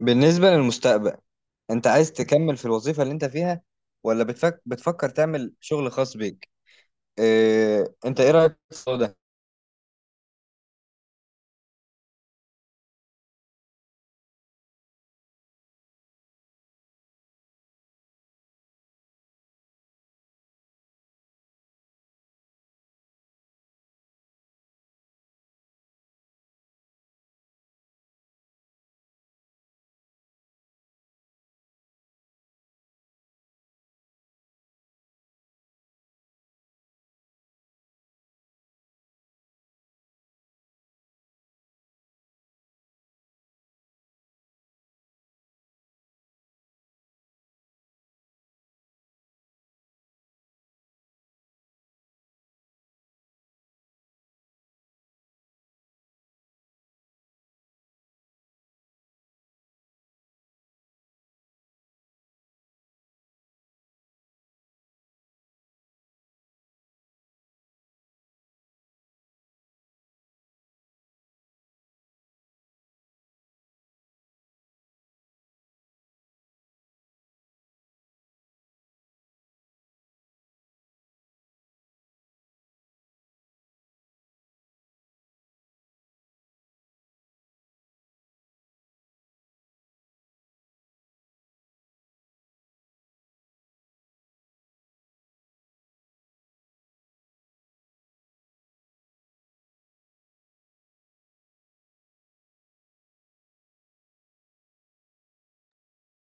بالنسبة للمستقبل، انت عايز تكمل في الوظيفة اللي انت فيها، ولا بتفكر تعمل شغل خاص بيك؟ اه... انت ايه رأيك في الموضوع ده؟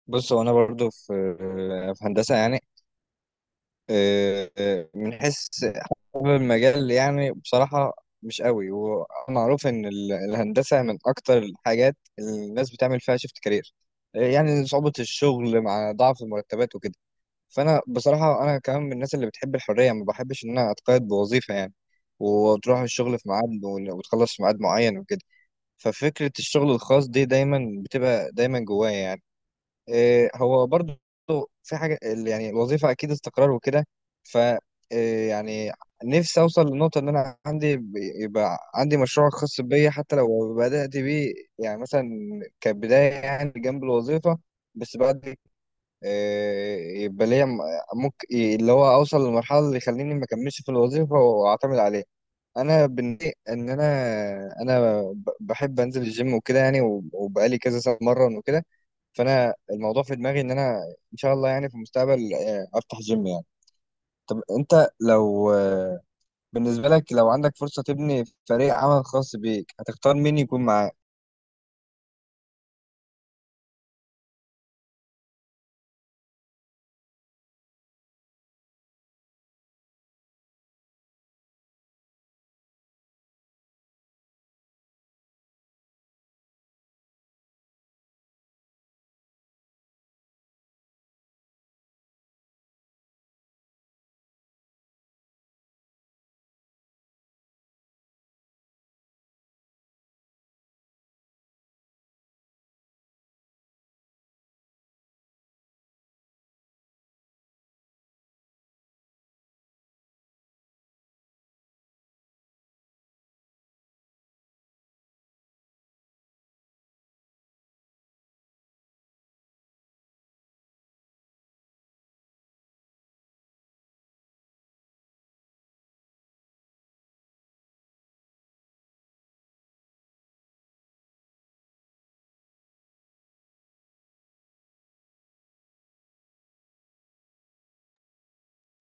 بص، هو انا برضو في في هندسة يعني. من حيث حابب المجال، يعني بصراحة مش قوي، ومعروف ان الهندسة من اكتر الحاجات اللي الناس بتعمل فيها شيفت كارير، يعني صعوبة الشغل مع ضعف المرتبات وكده. فانا بصراحه انا كمان من الناس اللي بتحب الحريه، ما بحبش ان انا اتقيد بوظيفه يعني، وتروح الشغل في ميعاد وتخلص في ميعاد معين وكده. ففكره الشغل الخاص دي دايما بتبقى دايما جوايا يعني. إيه، هو برضو في حاجه يعني الوظيفه اكيد استقرار وكده. ف إيه يعني، نفسي اوصل للنقطه ان انا يبقى عندي مشروع خاص بيا، حتى لو بدات بيه يعني مثلا كبدايه يعني جنب الوظيفه، بس بعد يبقى ليا ممكن اللي هو اوصل للمرحله اللي يخليني ما اكملش في الوظيفه واعتمد عليه. انا بالنسبه ان انا، انا بحب انزل الجيم وكده يعني، وبقالي كذا سنه مرن وكده. فانا الموضوع في دماغي ان انا ان شاء الله يعني في المستقبل افتح جيم يعني. طب انت لو بالنسبه لك، لو عندك فرصه تبني فريق عمل خاص بيك، هتختار مين يكون معاك؟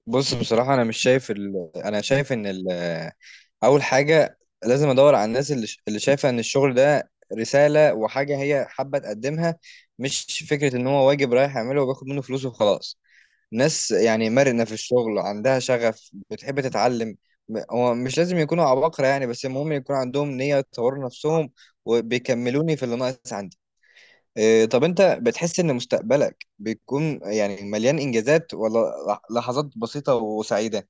بص بصراحه، انا مش شايف انا شايف ان اول حاجه لازم ادور على الناس اللي اللي شايفه ان الشغل ده رساله وحاجه هي حابه تقدمها، مش فكره ان هو واجب رايح يعمله وبياخد منه فلوس وخلاص. ناس يعني مرنه في الشغل، عندها شغف، بتحب تتعلم. هو مش لازم يكونوا عباقرة يعني، بس المهم يكون عندهم نية يطوروا نفسهم، وبيكملوني في اللي ناقص عندي. إيه، طب انت بتحس ان مستقبلك بيكون يعني مليان انجازات، ولا لحظات بسيطة وسعيدة؟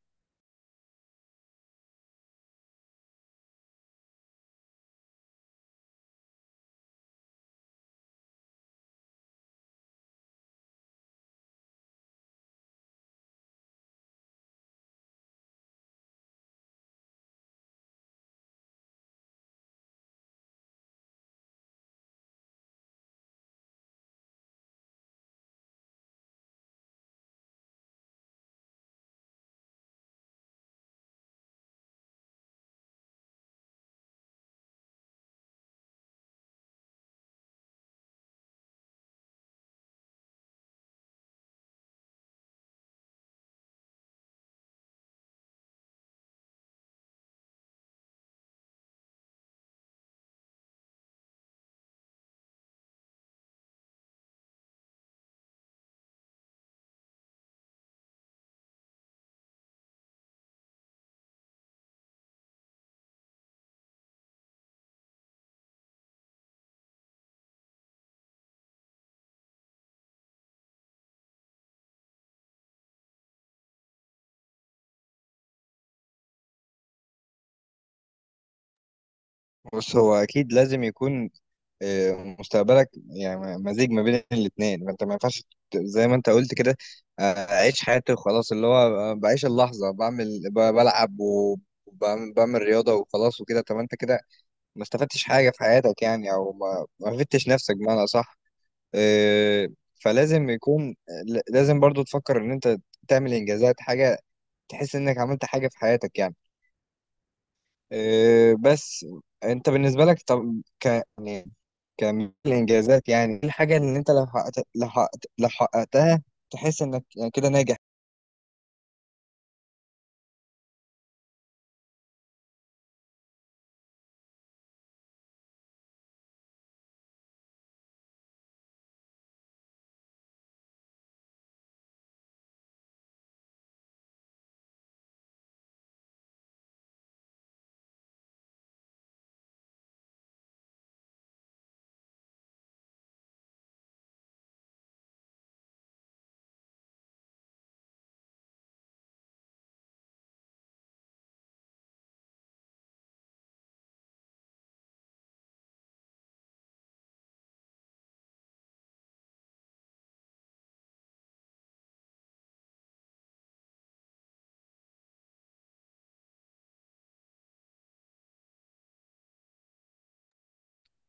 بص، هو اكيد لازم يكون مستقبلك يعني مزيج ما بين الاثنين. فانت ما ينفعش، زي ما انت قلت كده، اعيش حياتي وخلاص، اللي هو بعيش اللحظه بعمل بلعب وبعمل، بعمل رياضه وخلاص وكده. طب ما انت كده ما استفدتش حاجه في حياتك يعني، او ما فدتش نفسك بمعنى صح. فلازم يكون، لازم برضو تفكر ان انت تعمل انجازات، حاجه تحس انك عملت حاجه في حياتك يعني. آه، بس انت بالنسبه لك، طب ك يعني كمية الانجازات، يعني إيه الحاجه اللي انت لو حققت لو حققت لو حققتها تحس انك يعني كده ناجح؟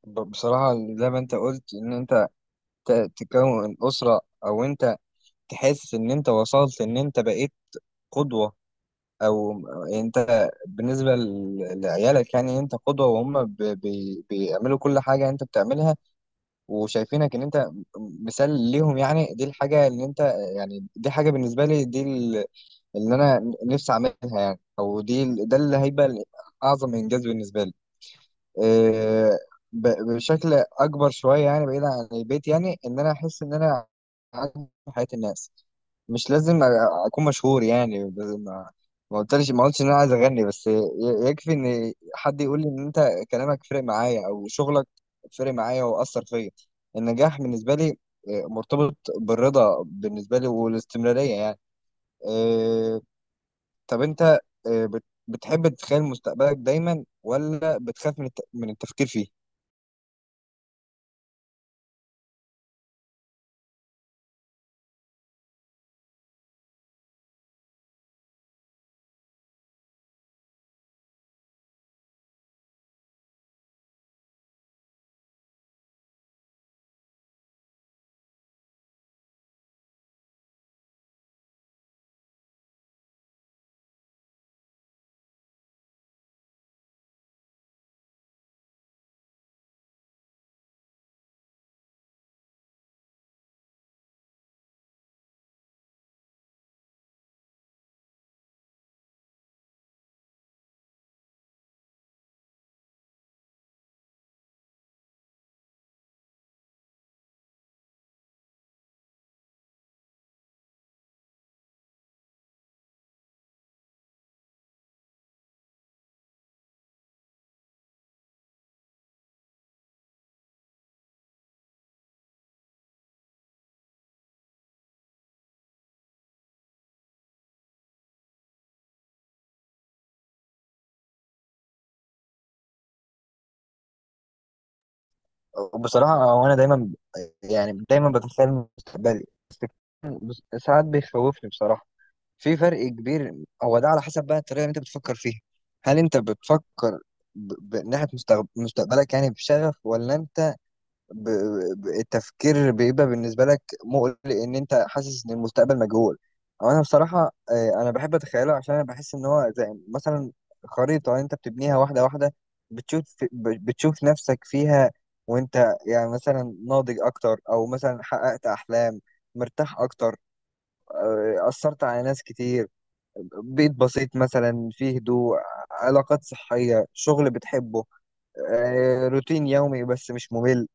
بصراحه زي ما انت قلت ان انت تكون اسره، او انت تحس ان انت وصلت ان انت بقيت قدوه. او انت بالنسبه لعيالك يعني، انت قدوه، وهم بيعملوا كل حاجه انت بتعملها، وشايفينك ان انت مثال ليهم. يعني دي الحاجه اللي انت، يعني دي حاجه بالنسبه لي، دي اللي انا نفسي اعملها يعني، او دي ده اللي هيبقى اعظم انجاز بالنسبه لي. إيه، ب- بشكل اكبر شويه يعني، بعيد عن البيت يعني، ان انا احس ان انا عندي في حياه الناس. مش لازم اكون مشهور يعني، بس ما قلتش ان انا عايز اغني، بس يكفي ان حد يقول لي ان انت كلامك فرق معايا، او شغلك فرق معايا واثر فيا. النجاح بالنسبه لي مرتبط بالرضا بالنسبه لي، والاستمراريه يعني. آه، طب انت بتحب تتخيل مستقبلك دايما، ولا بتخاف من من التفكير فيه؟ بصراحه هو انا دايما، يعني دايما بتخيل مستقبلي، بس ساعات بيخوفني بصراحه. في فرق كبير. هو ده على حسب بقى الطريقه اللي انت بتفكر فيها. هل انت بتفكر ناحيه مستقبلك يعني بشغف، ولا انت ب... التفكير بيبقى بالنسبه لك مقلق، ان انت حاسس ان المستقبل مجهول؟ او انا بصراحه، انا بحب اتخيله، عشان انا بحس ان هو زي مثلا خريطه انت بتبنيها واحده واحده، بتشوف نفسك فيها، وانت يعني مثلا ناضج اكتر، او مثلا حققت احلام، مرتاح اكتر، اثرت على ناس كتير، بيت بسيط مثلا فيه هدوء، علاقات صحية، شغل بتحبه، روتين يومي بس مش ممل،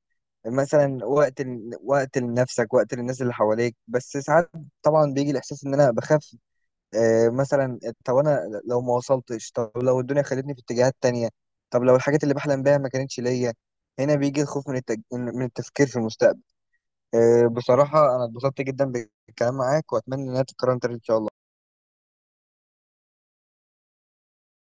مثلا وقت لنفسك، وقت للناس اللي حواليك. بس ساعات طبعا بيجي الإحساس إن أنا بخاف. مثلا طب أنا لو ما وصلتش، طب لو الدنيا خدتني في اتجاهات تانية، طب لو الحاجات اللي بحلم بيها ما كانتش ليا. هنا بيجي الخوف من من التفكير في المستقبل. آه، بصراحة أنا اتبسطت جدا بالكلام معاك، وأتمنى إنها تتكرر تاني إن شاء الله.